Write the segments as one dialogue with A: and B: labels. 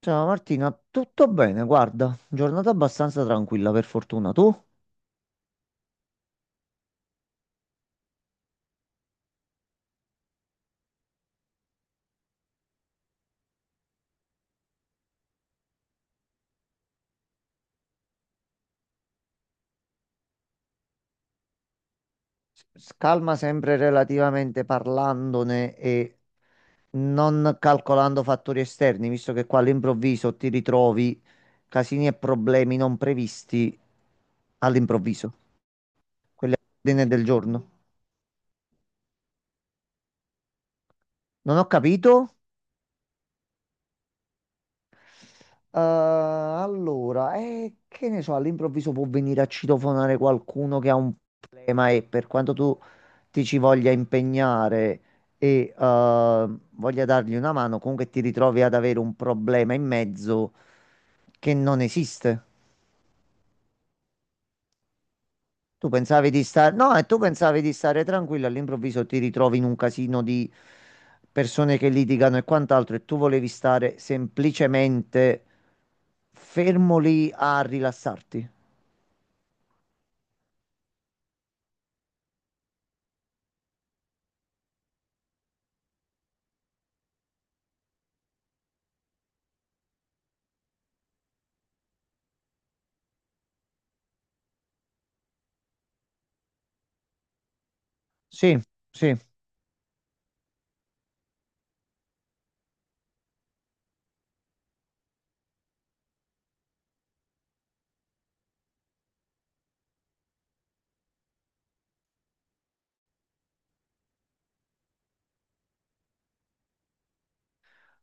A: Ciao Martina, tutto bene? Guarda, giornata abbastanza tranquilla per fortuna. Tu? Calma sempre relativamente parlandone e non calcolando fattori esterni, visto che qua all'improvviso ti ritrovi casini e problemi non previsti all'improvviso, quelli all'ordine del giorno. Non ho capito? Allora, che ne so, all'improvviso può venire a citofonare qualcuno che ha un problema e per quanto tu ti ci voglia impegnare e voglia dargli una mano, comunque ti ritrovi ad avere un problema in mezzo che non esiste. Tu pensavi di stare, no, e tu pensavi di stare tranquillo, all'improvviso ti ritrovi in un casino di persone che litigano e quant'altro e tu volevi stare semplicemente fermo lì a rilassarti. Sì, sì.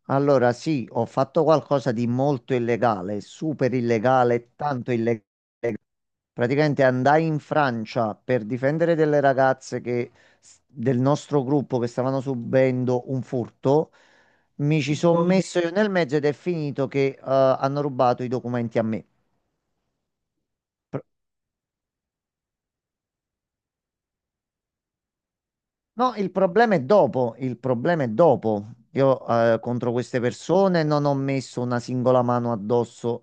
A: Allora sì, ho fatto qualcosa di molto illegale, super illegale, tanto illegale. Praticamente andai in Francia per difendere delle ragazze che, del nostro gruppo che stavano subendo un furto. Mi ci sono messo io nel mezzo ed è finito che hanno rubato i documenti a me. No, il problema è dopo, il problema è dopo. Io contro queste persone non ho messo una singola mano addosso.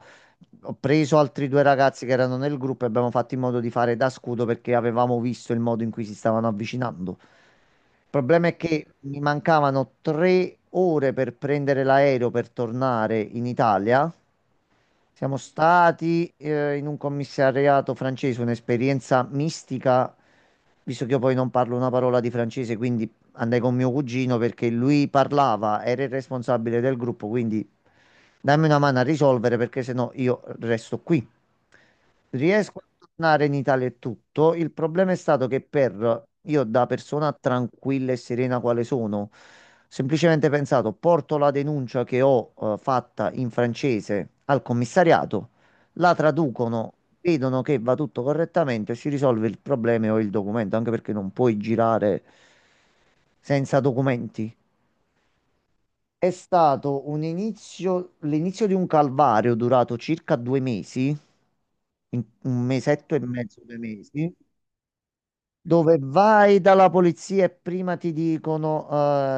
A: Ho preso altri due ragazzi che erano nel gruppo e abbiamo fatto in modo di fare da scudo perché avevamo visto il modo in cui si stavano avvicinando. Il problema è che mi mancavano 3 ore per prendere l'aereo per tornare in Italia. Siamo stati in un commissariato francese, un'esperienza mistica, visto che io poi non parlo una parola di francese, quindi andai con mio cugino perché lui parlava, era il responsabile del gruppo, quindi dammi una mano a risolvere perché sennò io resto qui. Riesco a tornare in Italia e tutto. Il problema è stato che per io, da persona tranquilla e serena quale sono, semplicemente pensato, porto la denuncia che ho fatta in francese al commissariato, la traducono, vedono che va tutto correttamente, si risolve il problema e ho il documento, anche perché non puoi girare senza documenti. È stato un inizio, l'inizio di un calvario durato circa 2 mesi, un mesetto e mezzo, 2 mesi. Dove vai dalla polizia e prima ti dicono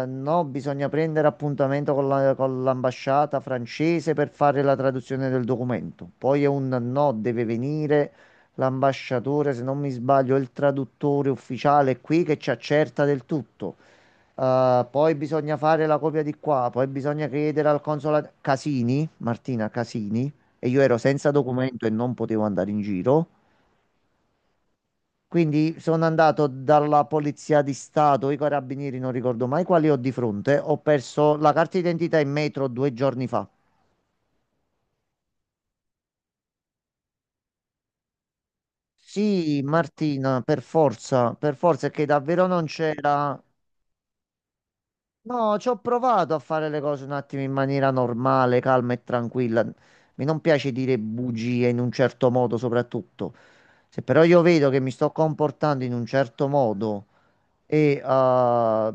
A: no, bisogna prendere appuntamento con con l'ambasciata francese per fare la traduzione del documento. Poi è un no, deve venire l'ambasciatore, se non mi sbaglio, è il traduttore ufficiale qui che ci accerta del tutto. Poi bisogna fare la copia di qua, poi bisogna chiedere al consolato Casini, Martina Casini, e io ero senza documento e non potevo andare in giro. Quindi sono andato dalla Polizia di Stato, i carabinieri, non ricordo mai quali ho di fronte. Ho perso la carta d'identità in metro 2 giorni fa. Sì, Martina, per forza, è che davvero non c'era. No, ci ho provato a fare le cose un attimo in maniera normale, calma e tranquilla. Mi non piace dire bugie in un certo modo, soprattutto. Se però io vedo che mi sto comportando in un certo modo e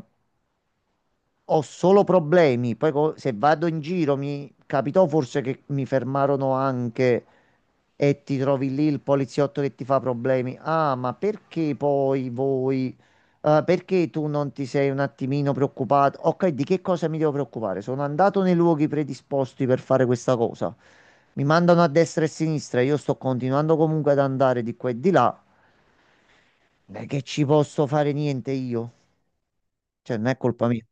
A: ho solo problemi. Poi se vado in giro mi capitò forse che mi fermarono anche e ti trovi lì il poliziotto che ti fa problemi. Ah, ma perché poi voi? Perché tu non ti sei un attimino preoccupato? Ok, di che cosa mi devo preoccupare? Sono andato nei luoghi predisposti per fare questa cosa. Mi mandano a destra e a sinistra. Io sto continuando comunque ad andare di qua e di là. Non è che ci posso fare niente io. Cioè, non è colpa mia.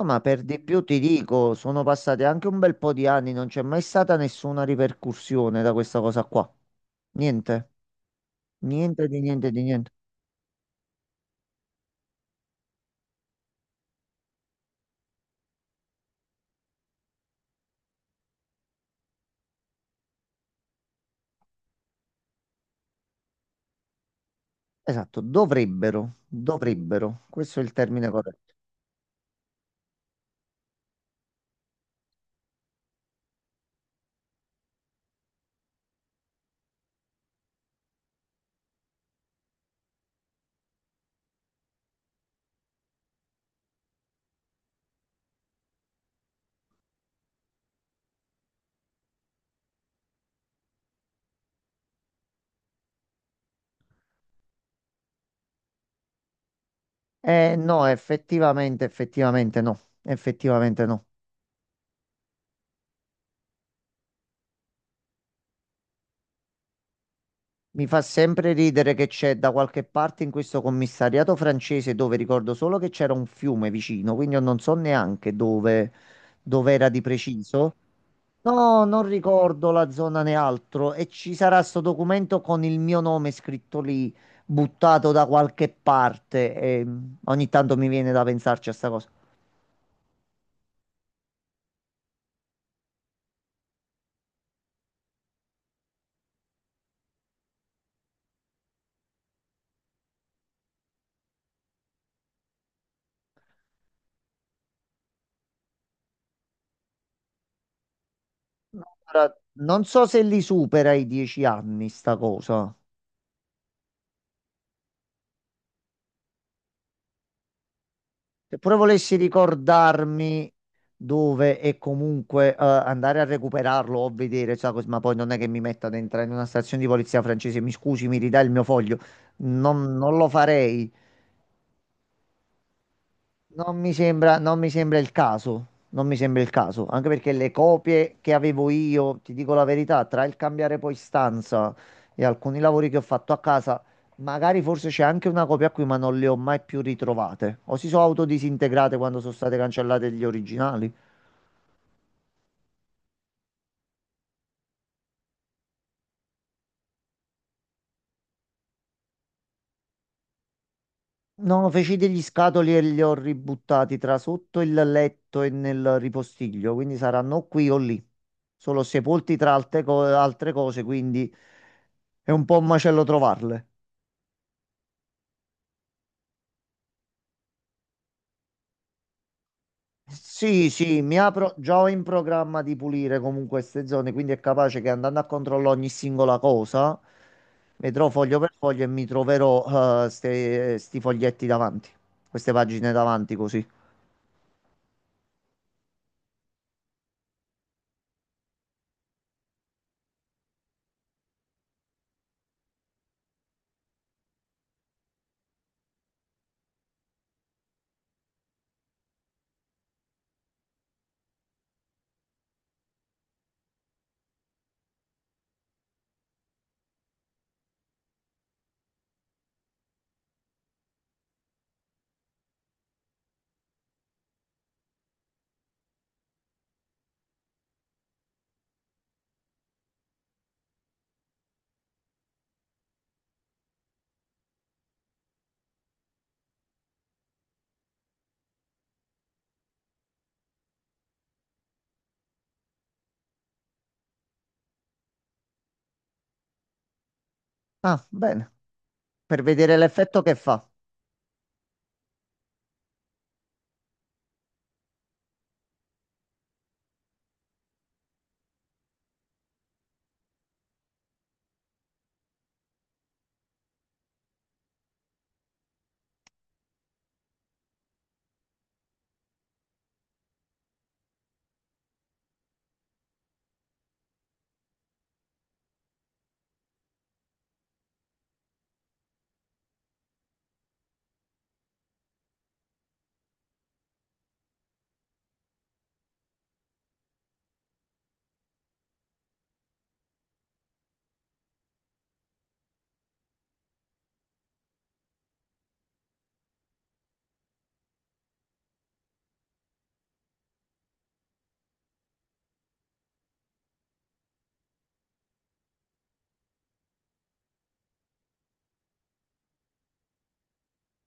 A: No, ma per di più ti dico, sono passati anche un bel po' di anni, non c'è mai stata nessuna ripercussione da questa cosa qua. Niente, niente di niente di niente. Esatto, dovrebbero, dovrebbero, questo è il termine corretto. Eh no, effettivamente, effettivamente no, effettivamente no. Mi fa sempre ridere che c'è da qualche parte in questo commissariato francese dove ricordo solo che c'era un fiume vicino, quindi io non so neanche dove, dove era di preciso. No, non ricordo la zona né altro e ci sarà sto documento con il mio nome scritto lì, buttato da qualche parte e ogni tanto mi viene da pensarci a sta cosa. Ora, non so se li supera i 10 anni sta cosa. Se pure volessi ricordarmi dove e comunque andare a recuperarlo o vedere, sa, ma poi non è che mi metta dentro in una stazione di polizia francese, mi scusi, mi ridà il mio foglio. Non, non lo farei. Non mi sembra, non mi sembra il caso, non mi sembra il caso, anche perché le copie che avevo io, ti dico la verità, tra il cambiare poi stanza e alcuni lavori che ho fatto a casa, magari forse c'è anche una copia qui, ma non le ho mai più ritrovate. O si sono autodisintegrate quando sono state cancellate gli originali. No, feci degli scatoli e li ho ributtati tra sotto il letto e nel ripostiglio, quindi saranno qui o lì. Sono sepolti tra altre cose, quindi è un po' un macello trovarle. Sì, sì, mi apro, già ho in programma di pulire comunque queste zone, quindi è capace che andando a controllare ogni singola cosa, vedrò foglio per foglio e mi troverò sti foglietti davanti, queste pagine davanti così. Ah, bene, per vedere l'effetto che fa.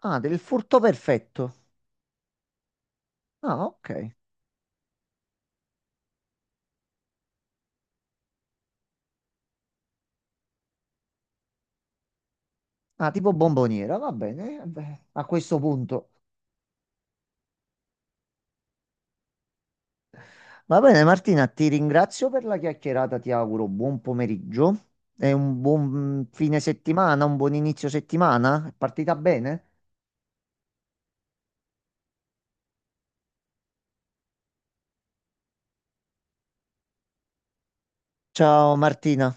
A: Ah, del furto perfetto. Ah, ok. Ah, tipo bomboniera, va bene. Beh, a questo punto. Va bene, Martina, ti ringrazio per la chiacchierata, ti auguro buon pomeriggio e un buon fine settimana, un buon inizio settimana. È partita bene? Ciao Martina.